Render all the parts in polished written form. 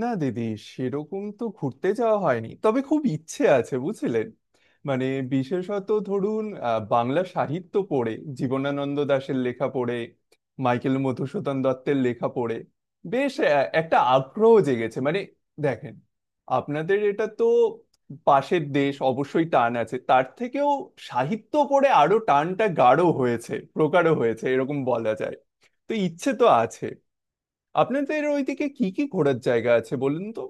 না দিদি, সেরকম তো ঘুরতে যাওয়া হয়নি, তবে খুব ইচ্ছে আছে বুঝলেন। মানে বিশেষত ধরুন বাংলা সাহিত্য পড়ে, জীবনানন্দ দাশের লেখা পড়ে, মাইকেল মধুসূদন দত্তের লেখা পড়ে বেশ একটা আগ্রহ জেগেছে। মানে দেখেন, আপনাদের এটা তো পাশের দেশ, অবশ্যই টান আছে, তার থেকেও সাহিত্য পড়ে আরো টানটা গাঢ় হয়েছে, প্রগাঢ় হয়েছে, এরকম বলা যায়। তো ইচ্ছে তো আছে। আপনাদের ওইদিকে কি কি ঘোরার জায়গা আছে বলুন তো।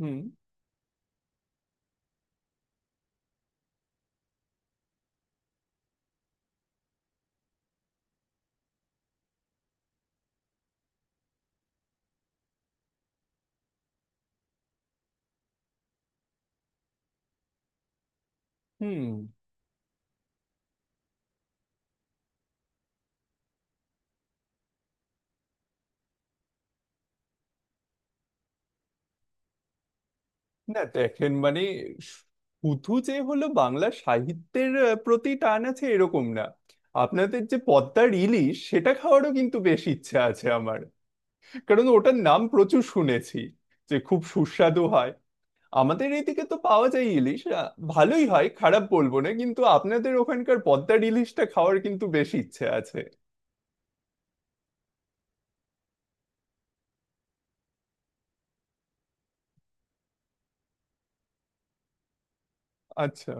হুম হুম। না দেখেন, মানে শুধু যে হলো বাংলা সাহিত্যের প্রতি টান আছে এরকম না। আপনাদের যে পদ্মার ইলিশ, সেটা খাওয়ারও কিন্তু বেশ ইচ্ছা আছে আমার। কারণ ওটার নাম প্রচুর শুনেছি যে খুব সুস্বাদু হয়। আমাদের এইদিকে তো পাওয়া যায় ইলিশ, ভালোই হয়, খারাপ বলবো না, কিন্তু আপনাদের ওখানকার পদ্মার ইলিশটা খাওয়ার কিন্তু বেশ ইচ্ছে আছে। আচ্ছা।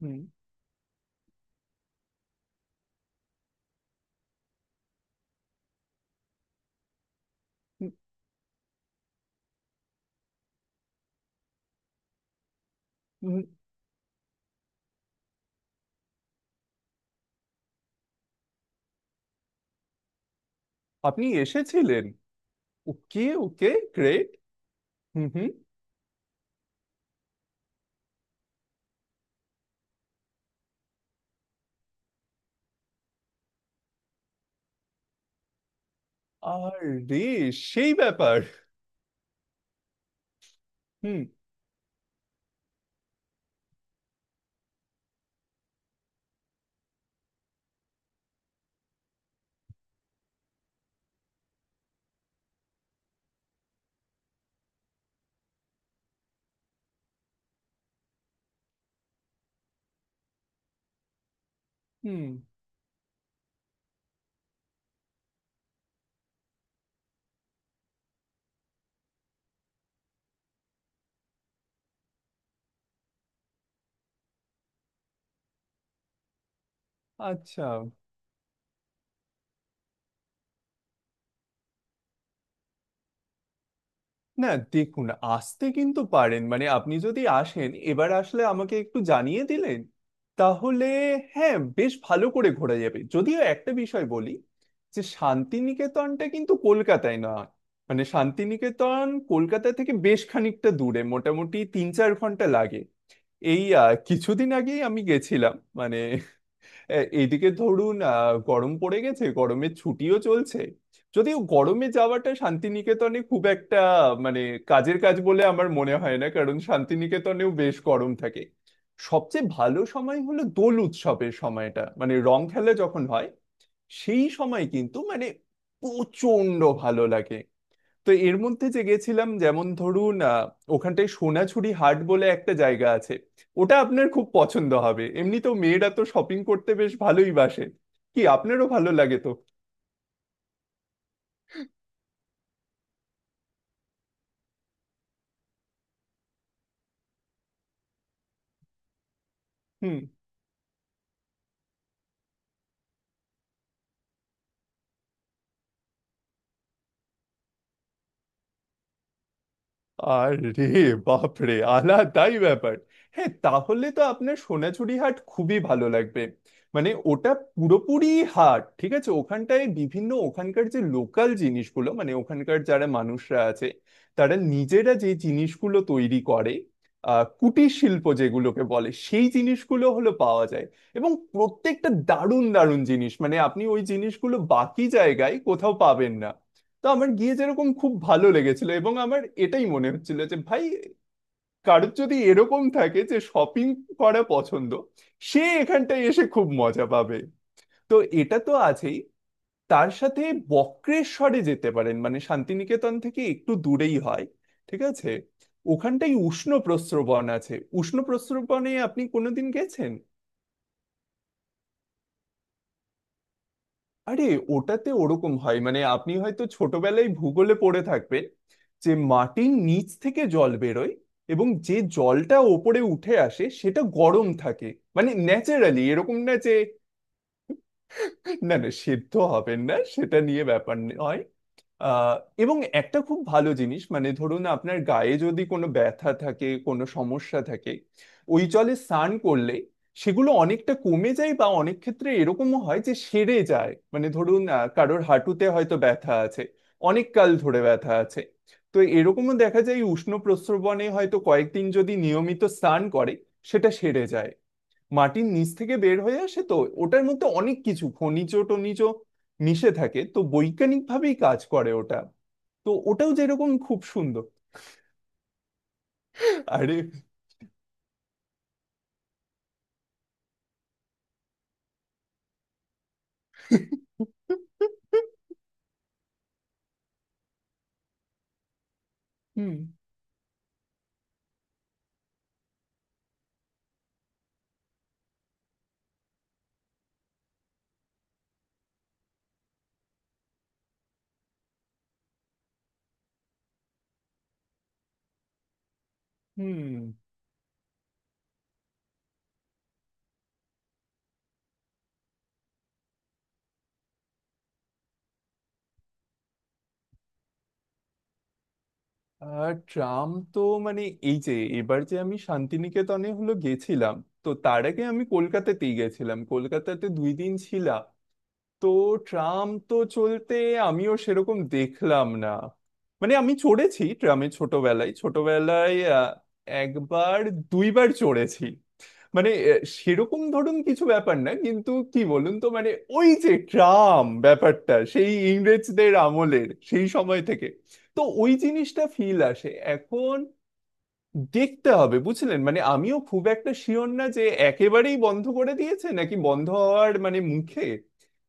হুম হুম, হুম। আপনি এসেছিলেন? ওকে ওকে, গ্রেট। হুম হুম। আরে, সেই ব্যাপার। হুম হুম। আচ্ছা। না দেখুন, আসতে কিন্তু পারেন। মানে আপনি যদি আসেন, এবার আসলে আমাকে একটু জানিয়ে দিলেন, তাহলে হ্যাঁ বেশ ভালো করে ঘোরা যাবে। যদিও একটা বিষয় বলি, যে শান্তিনিকেতনটা কিন্তু কলকাতায় নয়। মানে শান্তিনিকেতন কলকাতা থেকে বেশ খানিকটা দূরে, মোটামুটি 3-4 ঘন্টা লাগে। এই কিছুদিন আগেই আমি গেছিলাম, মানে এদিকে ধরুন গরম পড়ে গেছে, গরমের ছুটিও চলছে। যদিও গরমে যাওয়াটা শান্তিনিকেতনে খুব একটা, মানে কাজের কাজ বলে আমার মনে হয় না, কারণ শান্তিনিকেতনেও বেশ গরম থাকে। সবচেয়ে ভালো সময় হলো দোল উৎসবের সময়টা, মানে রং খেলা যখন হয়, সেই সময় কিন্তু মানে প্রচন্ড ভালো লাগে। তো এর মধ্যে যে গেছিলাম, যেমন ধরুন ওখানটায় সোনাঝুরি হাট বলে একটা জায়গা আছে। ওটা আপনার খুব পছন্দ হবে, এমনিতেও মেয়েরা তো শপিং করতে বেশ ভালোই বাসে। কি আপনারও ভালো লাগে তো? হুম। আরে বাপরে, আলাদাই ব্যাপার। হ্যাঁ তাহলে তো আপনার সোনাঝুরি হাট খুবই ভালো লাগবে। মানে ওটা পুরোপুরি হাট, ঠিক আছে। ওখানটায় বিভিন্ন ওখানকার যে লোকাল জিনিসগুলো, মানে ওখানকার যারা মানুষরা আছে, তারা নিজেরা যে জিনিসগুলো তৈরি করে, কুটির শিল্প যেগুলোকে বলে, সেই জিনিসগুলো হলো পাওয়া যায়। এবং প্রত্যেকটা দারুণ দারুণ জিনিস, মানে আপনি ওই জিনিসগুলো বাকি জায়গায় কোথাও পাবেন না। তো আমার গিয়ে যেরকম খুব ভালো লেগেছিল, এবং আমার এটাই মনে হচ্ছিল যে ভাই, কারোর যদি এরকম থাকে যে শপিং করা পছন্দ, সে এখানটায় এসে খুব মজা পাবে। তো এটা তো আছেই, তার সাথে বক্রেশ্বরে যেতে পারেন, মানে শান্তিনিকেতন থেকে একটু দূরেই হয়, ঠিক আছে। ওখানটায় উষ্ণ প্রস্রবণ আছে। উষ্ণ প্রস্রবণে আপনি কোনোদিন গেছেন? আরে, ওটাতে ওরকম হয়, মানে আপনি হয়তো ছোটবেলায় ভূগোলে পড়ে থাকবেন, যে মাটির নিচ থেকে জল বেরোয়, এবং যে জলটা ওপরে উঠে আসে সেটা গরম থাকে। মানে ন্যাচারালি, এরকম না যে, না না, সেদ্ধ হবেন না, সেটা নিয়ে ব্যাপার নয়। আহ এবং একটা খুব ভালো জিনিস, মানে ধরুন আপনার গায়ে যদি কোনো ব্যথা থাকে, কোনো সমস্যা থাকে, ওই জলে স্নান করলে সেগুলো অনেকটা কমে যায়, বা অনেক ক্ষেত্রে এরকমও হয় যে সেরে যায়। মানে ধরুন কারোর হাঁটুতে হয়তো ব্যথা আছে, অনেক কাল ধরে ব্যথা আছে, তো এরকমও দেখা যায়, উষ্ণ প্রস্রবণে হয়তো কয়েকদিন যদি নিয়মিত স্নান করে, সেটা সেরে যায়। মাটির নিচ থেকে বের হয়ে আসে তো, ওটার মধ্যে অনেক কিছু খনিজ টনিজ মিশে থাকে, তো বৈজ্ঞানিক ভাবেই কাজ করে ওটা। তো ওটাও যেরকম খুব সুন্দর। আরে। হুম হুম। আর ট্রাম তো, মানে এই যে, এবার যে আমি শান্তিনিকেতনে হলো গেছিলাম, তো তার আগে আমি কলকাতাতেই গেছিলাম, কলকাতাতে 2 দিন ছিলাম। তো ট্রাম তো চলতে আমিও সেরকম দেখলাম না। মানে আমি চড়েছি ট্রামে, ছোটবেলায় ছোটবেলায় আহ, একবার দুইবার চড়েছি। মানে সেরকম ধরুন কিছু ব্যাপার না, কিন্তু কি বলুন তো মানে, ওই যে ট্রাম ব্যাপারটা সেই ইংরেজদের আমলের, সেই সময় থেকে, তো ওই জিনিসটা ফিল আসে। এখন দেখতে হবে বুঝলেন, মানে আমিও খুব একটা শিওর না যে একেবারেই বন্ধ করে দিয়েছে, নাকি বন্ধ হওয়ার মানে মুখে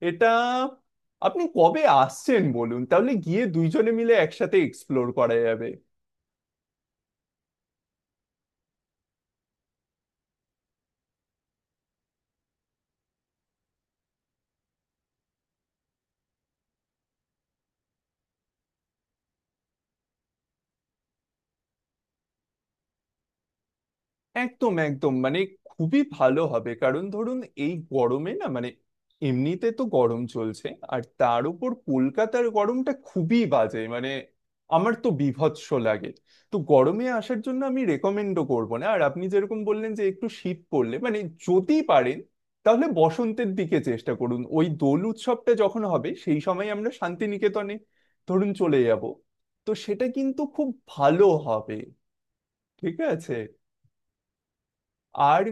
এটা। আপনি কবে আসছেন বলুন, তাহলে গিয়ে দুইজনে মিলে একসাথে এক্সপ্লোর করা যাবে। একদম একদম, মানে খুবই ভালো হবে, কারণ ধরুন এই গরমে না, মানে এমনিতে তো গরম চলছে, আর তার উপর কলকাতার গরমটা খুবই বাজে, মানে আমার তো বীভৎস লাগে। তো গরমে আসার জন্য আমি রেকমেন্ডও করব না, আর আপনি যেরকম বললেন যে একটু শীত পড়লে, মানে যদি পারেন, তাহলে বসন্তের দিকে চেষ্টা করুন। ওই দোল উৎসবটা যখন হবে, সেই সময় আমরা শান্তিনিকেতনে ধরুন চলে যাব, তো সেটা কিন্তু খুব ভালো হবে, ঠিক আছে। আর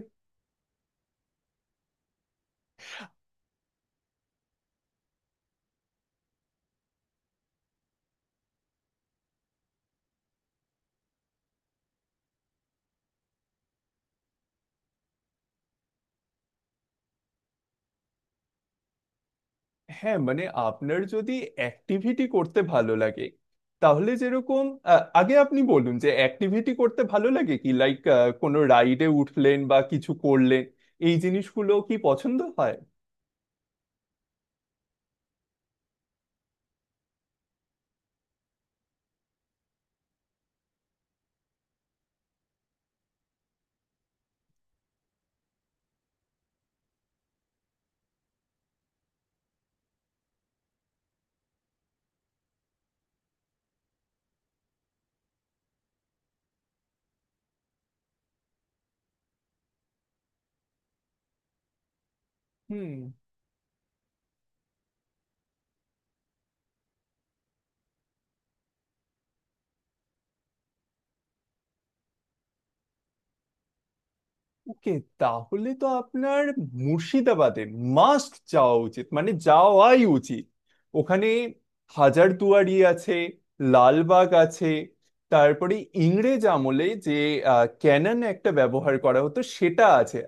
হ্যাঁ, মানে আপনার যদি অ্যাক্টিভিটি করতে ভালো লাগে, তাহলে যেরকম, আগে আপনি বলুন যে অ্যাক্টিভিটি করতে ভালো লাগে কি লাইক, কোনো রাইডে উঠলেন বা কিছু করলেন, এই জিনিসগুলো কি পছন্দ হয়? হুম। ওকে, তাহলে তো আপনার মুর্শিদাবাদে মাস্ট যাওয়া উচিত, মানে যাওয়াই উচিত। ওখানে হাজারদুয়ারি আছে, লালবাগ আছে, তারপরে ইংরেজ আমলে যে ক্যানন একটা ব্যবহার করা হতো সেটা আছে।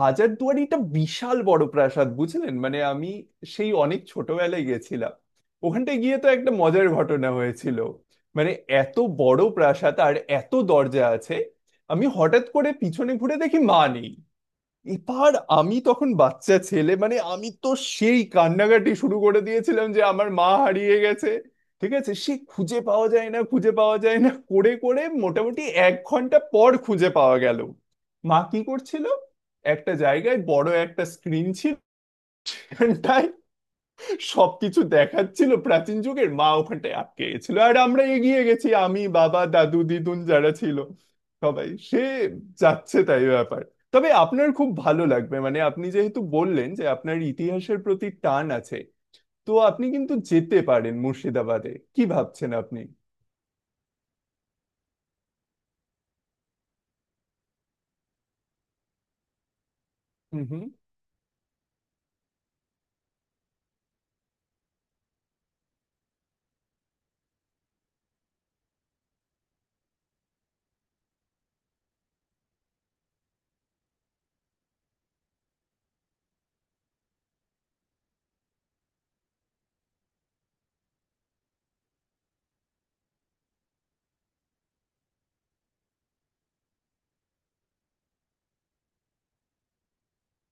হাজারদুয়ারিটা বিশাল বড় প্রাসাদ বুঝলেন, মানে আমি সেই অনেক ছোটবেলায় গেছিলাম। ওখানটায় গিয়ে তো একটা মজার ঘটনা হয়েছিল, মানে এত বড় প্রাসাদ, আর এত দরজা আছে, আমি হঠাৎ করে পিছনে ঘুরে দেখি মা নেই। এবার আমি তখন বাচ্চা ছেলে, মানে আমি তো সেই কান্নাকাটি শুরু করে দিয়েছিলাম যে আমার মা হারিয়ে গেছে। ঠিক আছে, সে খুঁজে পাওয়া যায় না খুঁজে পাওয়া যায় না করে করে মোটামুটি 1 ঘন্টা পর খুঁজে পাওয়া গেল। মা কি করছিল, একটা জায়গায় বড় একটা স্ক্রিন ছিল, সেখানটায় সবকিছু দেখাচ্ছিল প্রাচীন যুগের, মা ওখানটায় আটকে গেছিল, আর আমরা এগিয়ে গেছি, আমি বাবা দাদু দিদুন যারা ছিল সবাই। সে যাচ্ছে তাই ব্যাপার। তবে আপনার খুব ভালো লাগবে, মানে আপনি যেহেতু বললেন যে আপনার ইতিহাসের প্রতি টান আছে, তো আপনি কিন্তু যেতে পারেন মুর্শিদাবাদে। কি ভাবছেন আপনি? হুম হুম।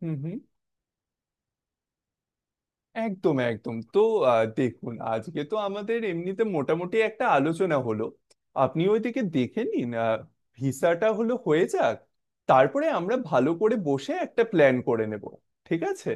হুম হুম। একদম একদম তো। দেখুন আজকে তো আমাদের এমনিতে মোটামুটি একটা আলোচনা হলো। আপনি ওইদিকে দেখে নিন, ভিসাটা হলো হয়ে যাক, তারপরে আমরা ভালো করে বসে একটা প্ল্যান করে নেব, ঠিক আছে।